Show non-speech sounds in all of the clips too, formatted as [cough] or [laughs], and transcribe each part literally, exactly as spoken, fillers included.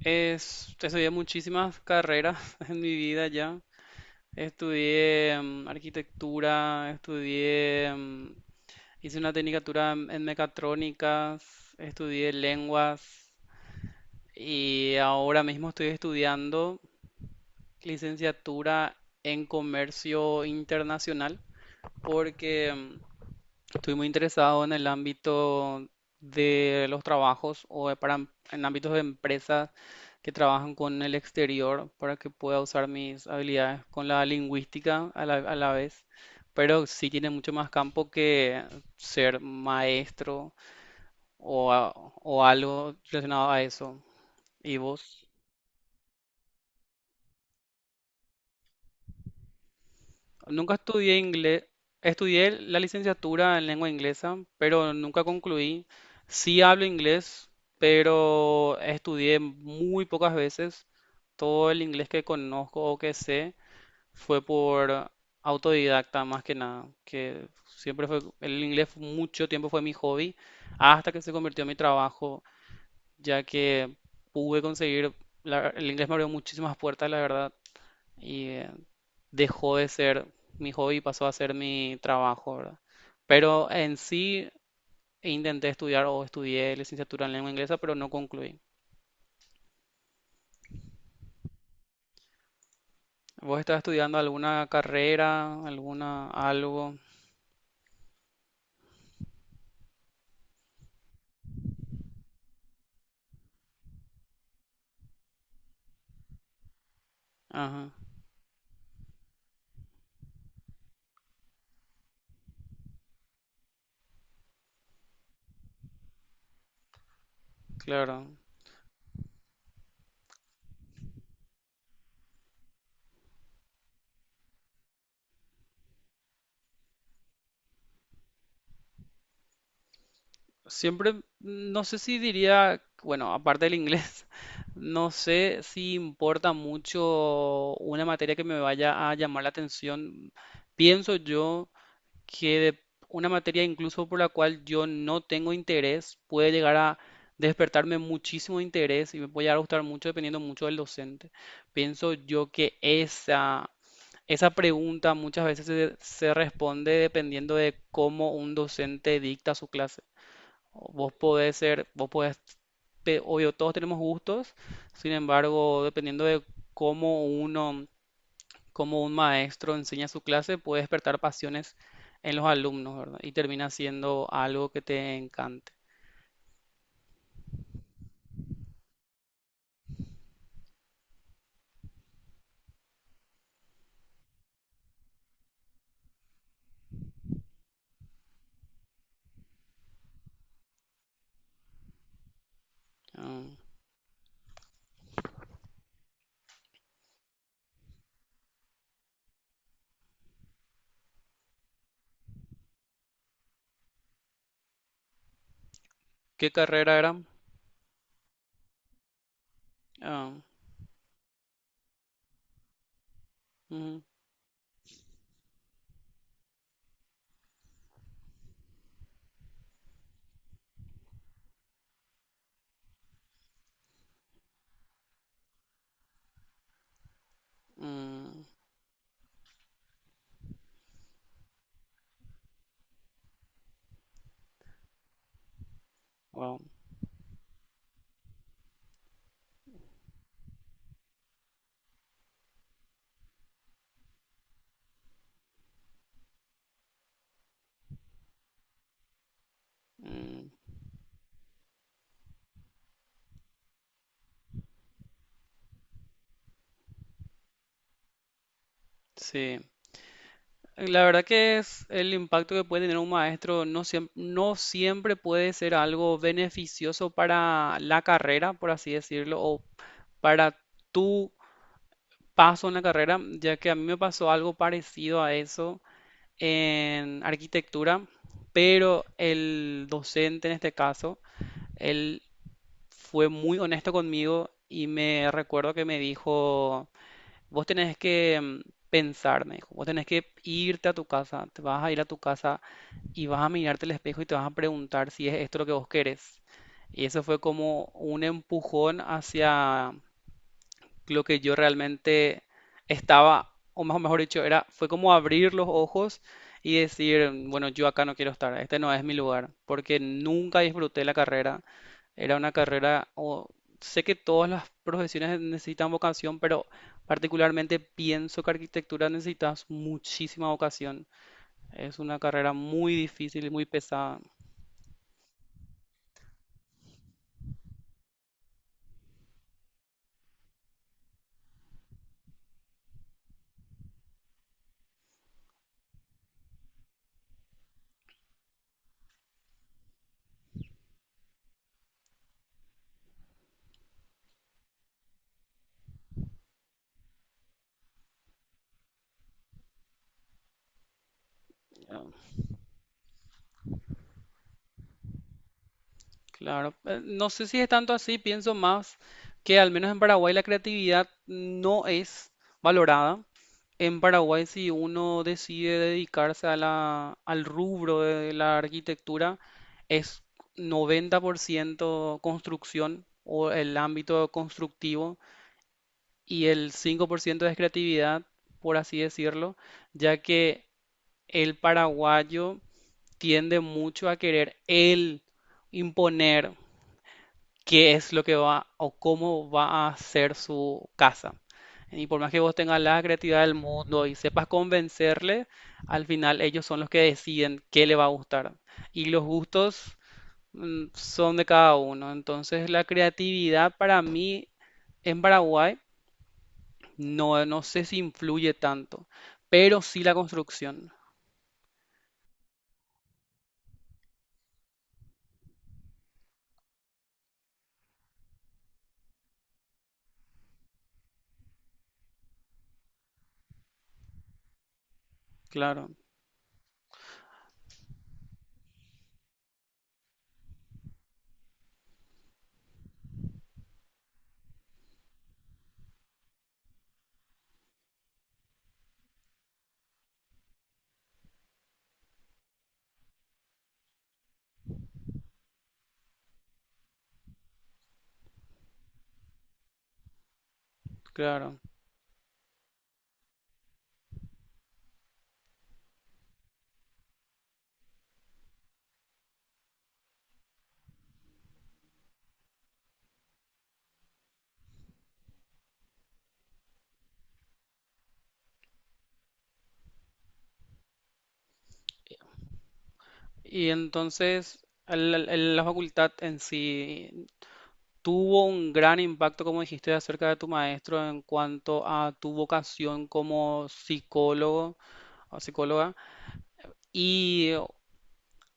Es, estudié muchísimas carreras [laughs] en mi vida ya. Estudié mm, arquitectura, estudié, mm, hice una tecnicatura en en mecatrónicas, estudié lenguas y ahora mismo estoy estudiando licenciatura en comercio internacional porque mm, estoy muy interesado en el ámbito de los trabajos o de para, em- en ámbitos de empresas que trabajan con el exterior para que pueda usar mis habilidades con la lingüística a la, a la vez, pero sí tiene mucho más campo que ser maestro o, a- o algo relacionado a eso. ¿Y vos? Nunca estudié inglés, estudié la licenciatura en lengua inglesa, pero nunca concluí. Sí hablo inglés, pero estudié muy pocas veces. Todo el inglés que conozco o que sé fue por autodidacta más que nada, que siempre fue, el inglés fue- mucho tiempo fue mi hobby, hasta que se convirtió en mi trabajo, ya que pude conseguir, la- el inglés me abrió muchísimas puertas, la verdad, y eh, dejó de ser mi hobby y pasó a ser mi trabajo, ¿verdad? Pero en sí intenté estudiar o estudié licenciatura en lengua inglesa, pero no concluí. ¿Vos estás estudiando alguna carrera, alguna algo? Ajá, claro. Siempre, no sé si diría, bueno, aparte del inglés, [laughs] no sé si importa mucho una materia que me vaya a llamar la atención. Pienso yo que de- una materia incluso por la cual yo no tengo interés puede llegar a despertarme muchísimo interés y me puede llegar a gustar mucho dependiendo mucho del docente. Pienso yo que esa, esa pregunta muchas veces se, se responde dependiendo de cómo un docente dicta su clase. Vos podés ser, vos podés, pe- obvio, todos tenemos gustos, sin embargo, dependiendo de cómo uno cómo un maestro enseña su clase puede despertar pasiones en los alumnos, ¿verdad? Y termina siendo algo que te encante. Ah, ¿qué carrera era? Ah, ujú, mm, wow, mm, sí. La verdad que es el impacto que puede tener un maestro, no siempre, no siempre puede ser algo beneficioso para la carrera, por así decirlo, o para tu paso en la carrera, ya que a mí me pasó algo parecido a eso en arquitectura, pero el docente en este caso, él fue muy honesto conmigo y me recuerdo que me dijo, vos tenés que mm, pensar, me dijo, vos tenés que irte a tu casa, te vas a ir a tu casa y vas a mirarte al espejo y te vas a preguntar si es esto lo que vos querés. Y eso fue como un empujón hacia lo que yo realmente estaba, o mejor, mejor dicho, era, fue como abrir los ojos y decir, bueno, yo acá no quiero estar, este no es mi lugar, porque nunca disfruté la carrera. Era una carrera, o sé que todas las profesiones necesitan vocación, pero particularmente pienso que arquitectura necesitas muchísima vocación. Es una carrera muy difícil y muy pesada. Claro, eh, no sé si es tanto así, pienso más que al menos en Paraguay la creatividad no es valorada. En Paraguay, si uno decide dedicarse a la, al rubro de la arquitectura, es noventa por ciento construcción o el ámbito constructivo y el cinco por ciento es creatividad, por así decirlo, ya que el paraguayo tiende mucho a querer él imponer qué es lo que va o cómo va a ser su casa. Y por más que vos tengas la creatividad del mundo y sepas convencerle, al final ellos son los que deciden qué le va a gustar. Y los gustos mm, son de cada uno. Entonces la creatividad para mí en Paraguay no, no sé si influye tanto, pero sí la construcción. Claro, claro. Y entonces el- el- la facultad en sí tuvo un gran impacto, como dijiste, acerca de tu maestro en cuanto a tu vocación como psicólogo o psicóloga. ¿Y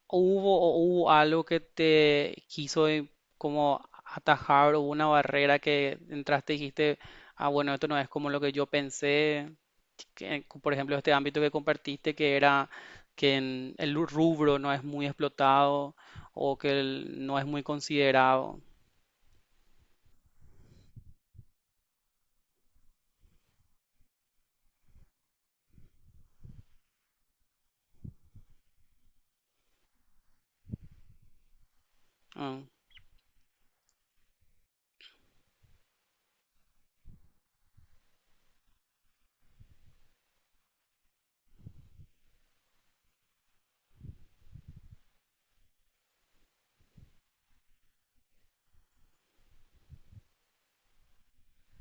hubo, o hubo algo que te quiso eh, como atajar o una barrera que entraste y dijiste, ah, bueno, esto no es como lo que yo pensé? Que, por ejemplo, este ámbito que compartiste, que era que en el rubro no es muy explotado o que el- no es muy considerado. Ah,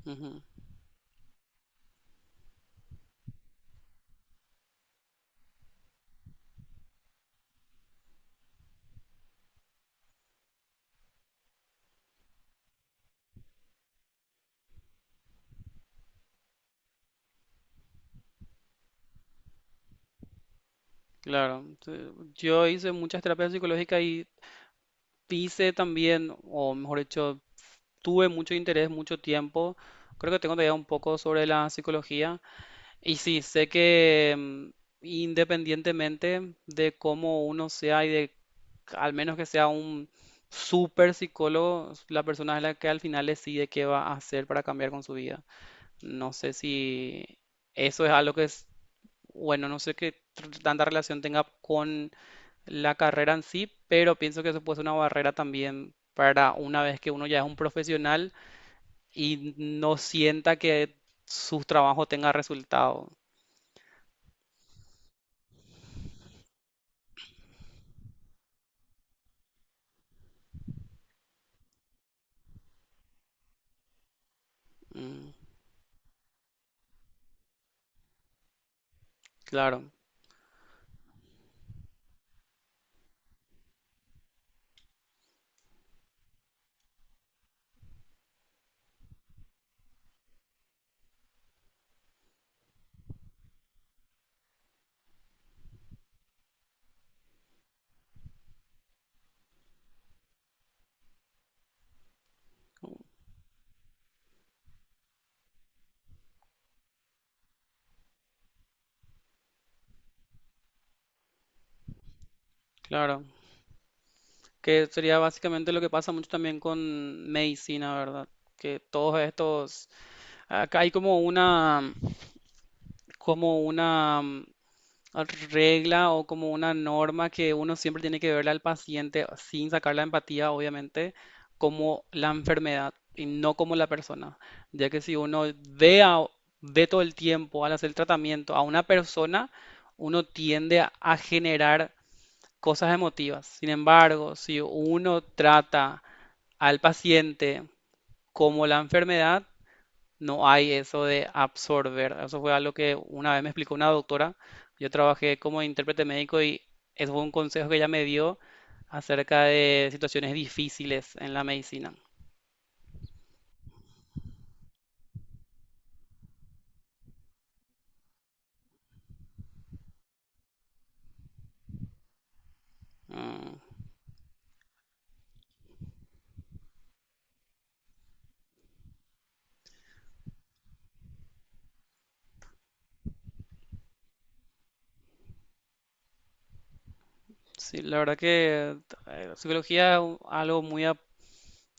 ujú. Claro, te- yo hice muchas terapias psicológicas y hice también, o mejor dicho, tuve mucho interés, mucho tiempo. Creo que tengo todavía un poco sobre la psicología. Y sí, sé que mm, independientemente de cómo uno sea y de, al menos que sea un super psicólogo, la persona es la que al final decide qué va a hacer para cambiar con su vida. No sé si eso es algo que es, bueno, no sé qué tr- tanta relación tenga la carrera en sí, pero pienso que eso puede ser una barrera también para una vez que uno ya es un profesional y no sienta que su trabajo tenga resultado. Mm, claro, claro. Que sería básicamente lo que pasa mucho también con medicina, ¿verdad? Que todos estos, acá hay como una, como una regla o como una norma que uno siempre tiene que verle al paciente sin sacar la empatía, obviamente, como la enfermedad y no como la persona. Ya que si uno ve, a- ve todo el tiempo al hacer tratamiento a una persona, uno tiende a, a generar cosas emotivas. Sin embargo, si uno trata al paciente como la enfermedad, no hay eso de absorber. Eso fue algo que una vez me explicó una doctora. Yo trabajé como intérprete médico y eso fue un consejo que ella me dio acerca de situaciones difíciles en la medicina. Mm, sí, la verdad que eh, psicología es u- algo muy ap-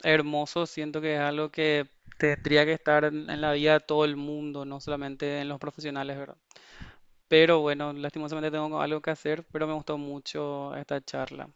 hermoso. Siento que es algo que tendría que estar en, en la vida de todo el mundo, no solamente en los profesionales, ¿verdad? Pero bueno, lastimosamente tengo algo que hacer, pero me gustó mucho esta charla.